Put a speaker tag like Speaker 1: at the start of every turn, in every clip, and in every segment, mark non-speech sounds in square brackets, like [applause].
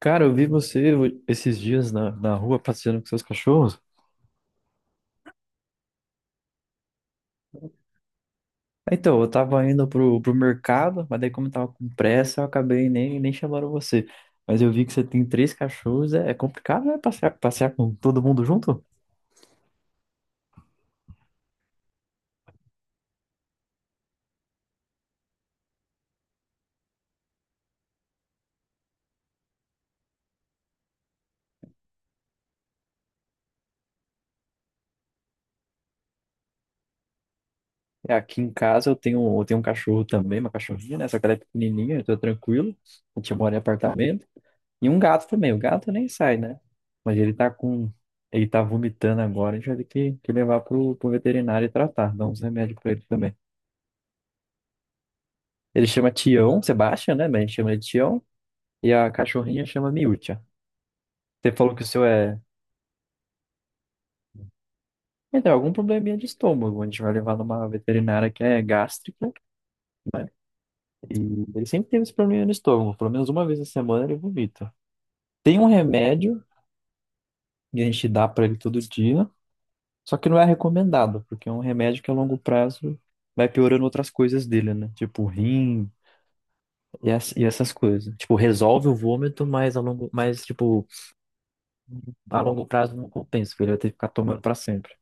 Speaker 1: Cara, eu vi você esses dias na rua passeando com seus cachorros. Então, eu tava indo pro mercado, mas daí como eu tava com pressa, eu acabei nem chamando você. Mas eu vi que você tem três cachorros, é complicado, né? Passear com todo mundo junto? É, aqui em casa eu tenho um cachorro também, uma cachorrinha, né? Só que ela é pequenininha, eu tô tranquilo. A gente mora em apartamento. E um gato também, o gato nem sai, né? Mas ele tá com... Ele tá vomitando agora, a gente vai ter que levar pro veterinário e tratar, dar uns remédios pra ele também. Ele chama Tião, Sebastian, né? Mas a gente chama ele de Tião. E a cachorrinha chama Miúcha. Você falou que o seu é. Então algum probleminha de estômago. A gente vai levar numa veterinária que é gástrica, né? E ele sempre teve esse probleminha no estômago. Pelo menos uma vez na semana ele vomita. Tem um remédio que a gente dá pra ele todo dia. Só que não é recomendado, porque é um remédio que a longo prazo vai piorando outras coisas dele, né? Tipo rim e essas coisas. Tipo, resolve o vômito, a longo prazo não compensa, porque ele vai ter que ficar tomando pra sempre.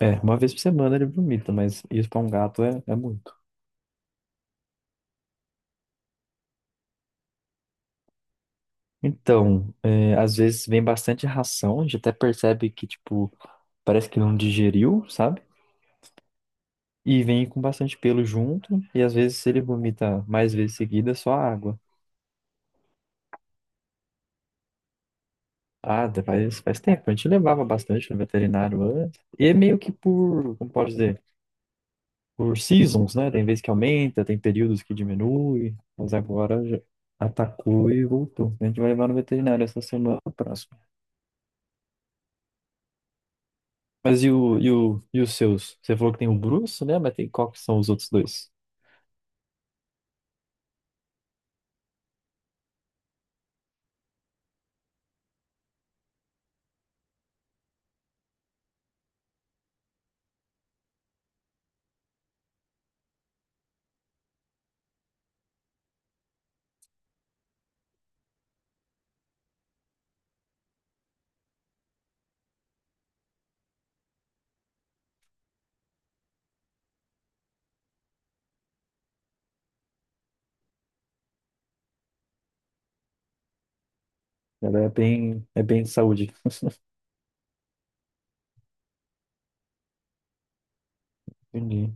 Speaker 1: É, uma vez por semana ele vomita, mas isso pra um gato é muito. Então, às vezes vem bastante ração, a gente até percebe que, tipo, parece que não digeriu, sabe? E vem com bastante pelo junto, e às vezes ele vomita mais vezes seguida, é só água. Ah, faz tempo, a gente levava bastante no veterinário antes. E é meio que por, como pode dizer? Por seasons, né? Tem vezes que aumenta, tem períodos que diminui, mas agora já atacou e voltou. A gente vai levar no veterinário essa semana próxima. Mas e os seus? Você falou que tem o Bruce, né? Mas tem qual que são os outros dois? Ela é bem de saúde. [laughs] Entendi.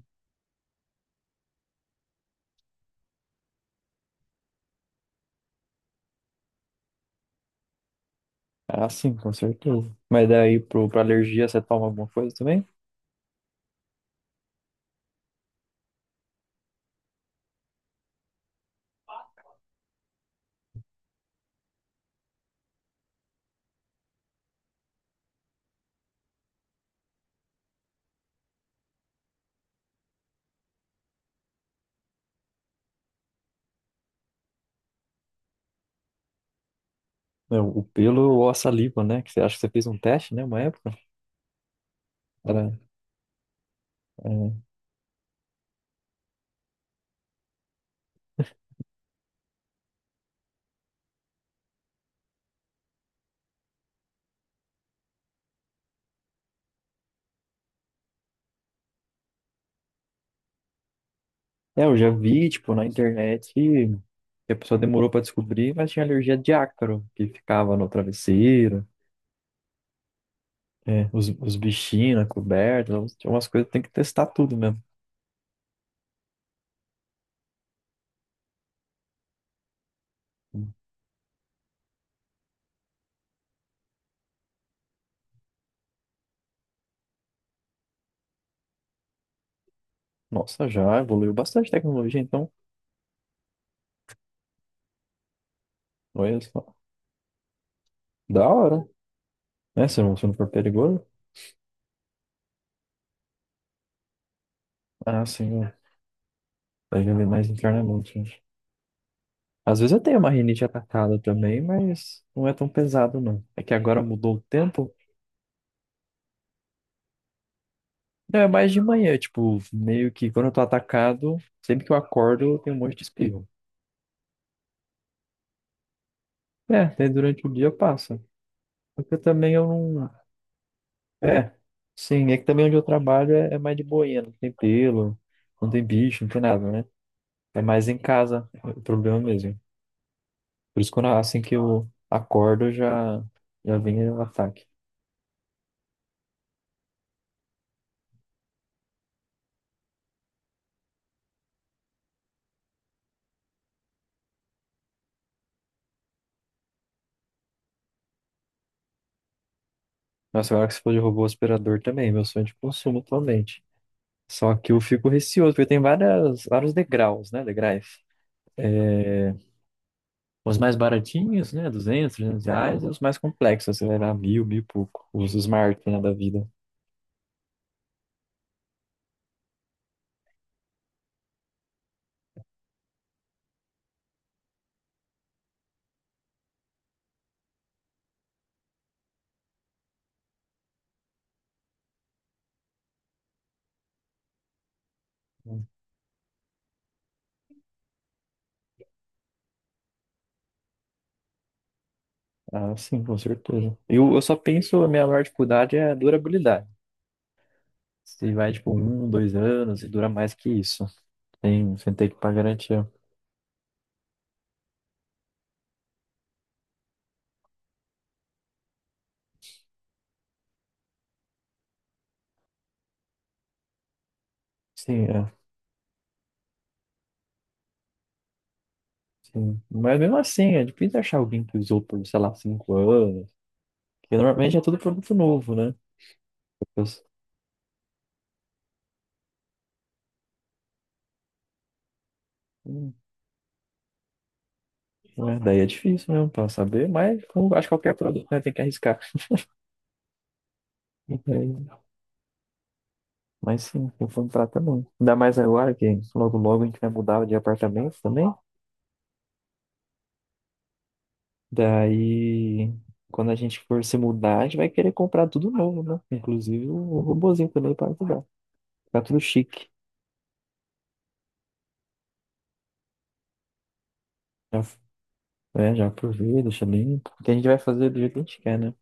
Speaker 1: Ah, sim, com certeza. Mas daí pra alergia você toma alguma coisa também? Não, o pelo ou a saliva, né? Que você acha que você fez um teste, né? Uma época. Era, é, É, eu já vi, tipo, na internet que a pessoa demorou pra descobrir, mas tinha alergia de ácaro, que ficava no travesseiro, os bichinhos na coberta, então tinha umas coisas que tem que testar tudo mesmo. Nossa, já evoluiu bastante a tecnologia, então, olha só. Da hora, né? Se não for perigoso. Ah, sim, ó, vai viver mais internamente, né? Às vezes eu tenho uma rinite atacada também, mas não é tão pesado, não. É que agora mudou o tempo. Não, é mais de manhã, tipo, meio que quando eu tô atacado, sempre que eu acordo, eu tenho um monte de espirro. É, até durante o dia passa. Porque também eu não. É, sim, é que também onde eu trabalho é mais de boinha, não tem pelo, não tem bicho, não tem nada, né? É mais em casa é o problema mesmo. Por isso, quando, assim que eu acordo, já vem o ataque. Nossa, agora que você falou de robô aspirador também, meu sonho é de consumo atualmente. Só que eu fico receoso, porque tem vários degraus, né? Degraus. É, os mais baratinhos, né? Duzentos, 300 reais. E os mais complexos, você vai dar mil, mil e pouco. Os smart, né, da vida. Ah, sim, com certeza. Eu só penso, a minha maior dificuldade é a durabilidade. Se vai, tipo, um, dois anos e dura mais que isso. Você tem que pagar garantia. Sim, é. Sim. Mas mesmo assim, é difícil achar alguém que usou por, sei lá, 5 anos. Porque normalmente é tudo produto novo, né? Depois- hum, né, daí é difícil mesmo pra saber, mas como acho que qualquer produto, né, tem que arriscar. Então. Mas sim, eu vou entrar também. Ainda mais agora que logo logo a gente vai mudar de apartamento também. Daí, quando a gente for se mudar, a gente vai querer comprar tudo novo, né? Inclusive o robozinho também para ajudar. Ficar tudo chique. Já, já aproveita, deixa limpo. Porque a gente vai fazer do jeito que a gente quer, né?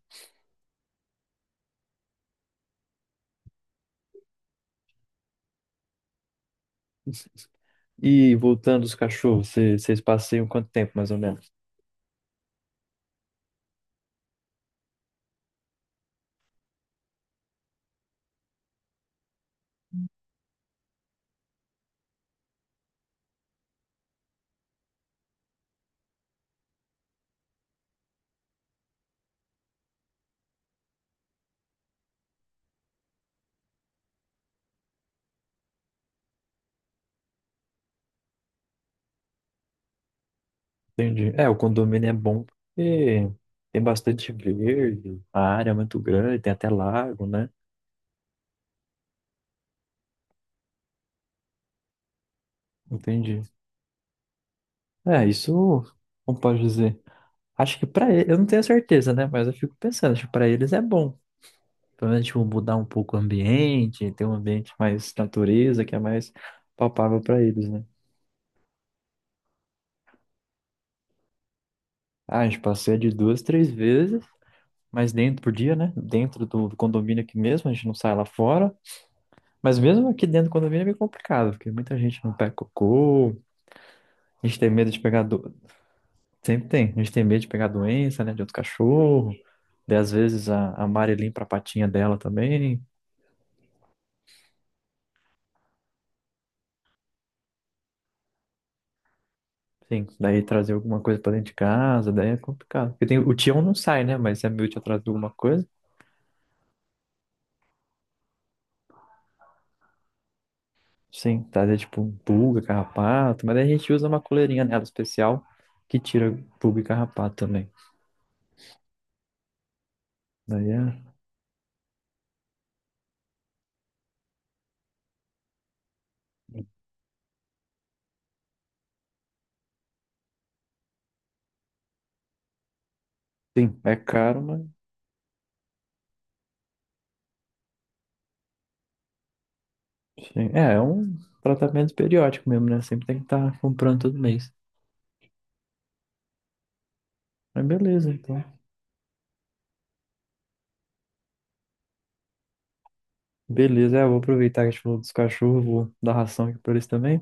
Speaker 1: E voltando os cachorros, vocês passeiam quanto tempo mais ou menos? Entendi. É, o condomínio é bom porque tem bastante verde, a área é muito grande, tem até lago, né? Entendi. É, isso, como pode dizer? Acho que pra ele, eu não tenho certeza, né? Mas eu fico pensando, acho que pra eles é bom. Pelo menos, tipo, mudar um pouco o ambiente, ter um ambiente mais natureza, que é mais palpável pra eles, né? Ah, a gente passeia de duas, três vezes, mas dentro por dia, né? Dentro do condomínio aqui mesmo, a gente não sai lá fora. Mas mesmo aqui dentro do condomínio é meio complicado, porque muita gente não pega cocô, a gente tem medo de pegar. Sempre tem. A gente tem medo de pegar doença, né, de outro cachorro. Daí, às vezes, a Mari limpa a patinha dela também. Sim, daí trazer alguma coisa pra dentro de casa, daí é complicado. Porque o Tião não sai, né? Mas se a Miúcha atrás de alguma coisa, sim, trazer tipo um pulga, carrapato. Mas daí a gente usa uma coleirinha nela especial que tira pulga e carrapato também. Daí é, sim, é caro, mas sim. É um tratamento periódico mesmo, né? Sempre tem que estar comprando todo mês. Mas beleza, então. Beleza, é, eu vou aproveitar que a gente falou dos cachorros, vou dar ração aqui pra eles também.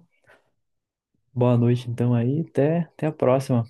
Speaker 1: Boa noite, então, aí. Até a próxima.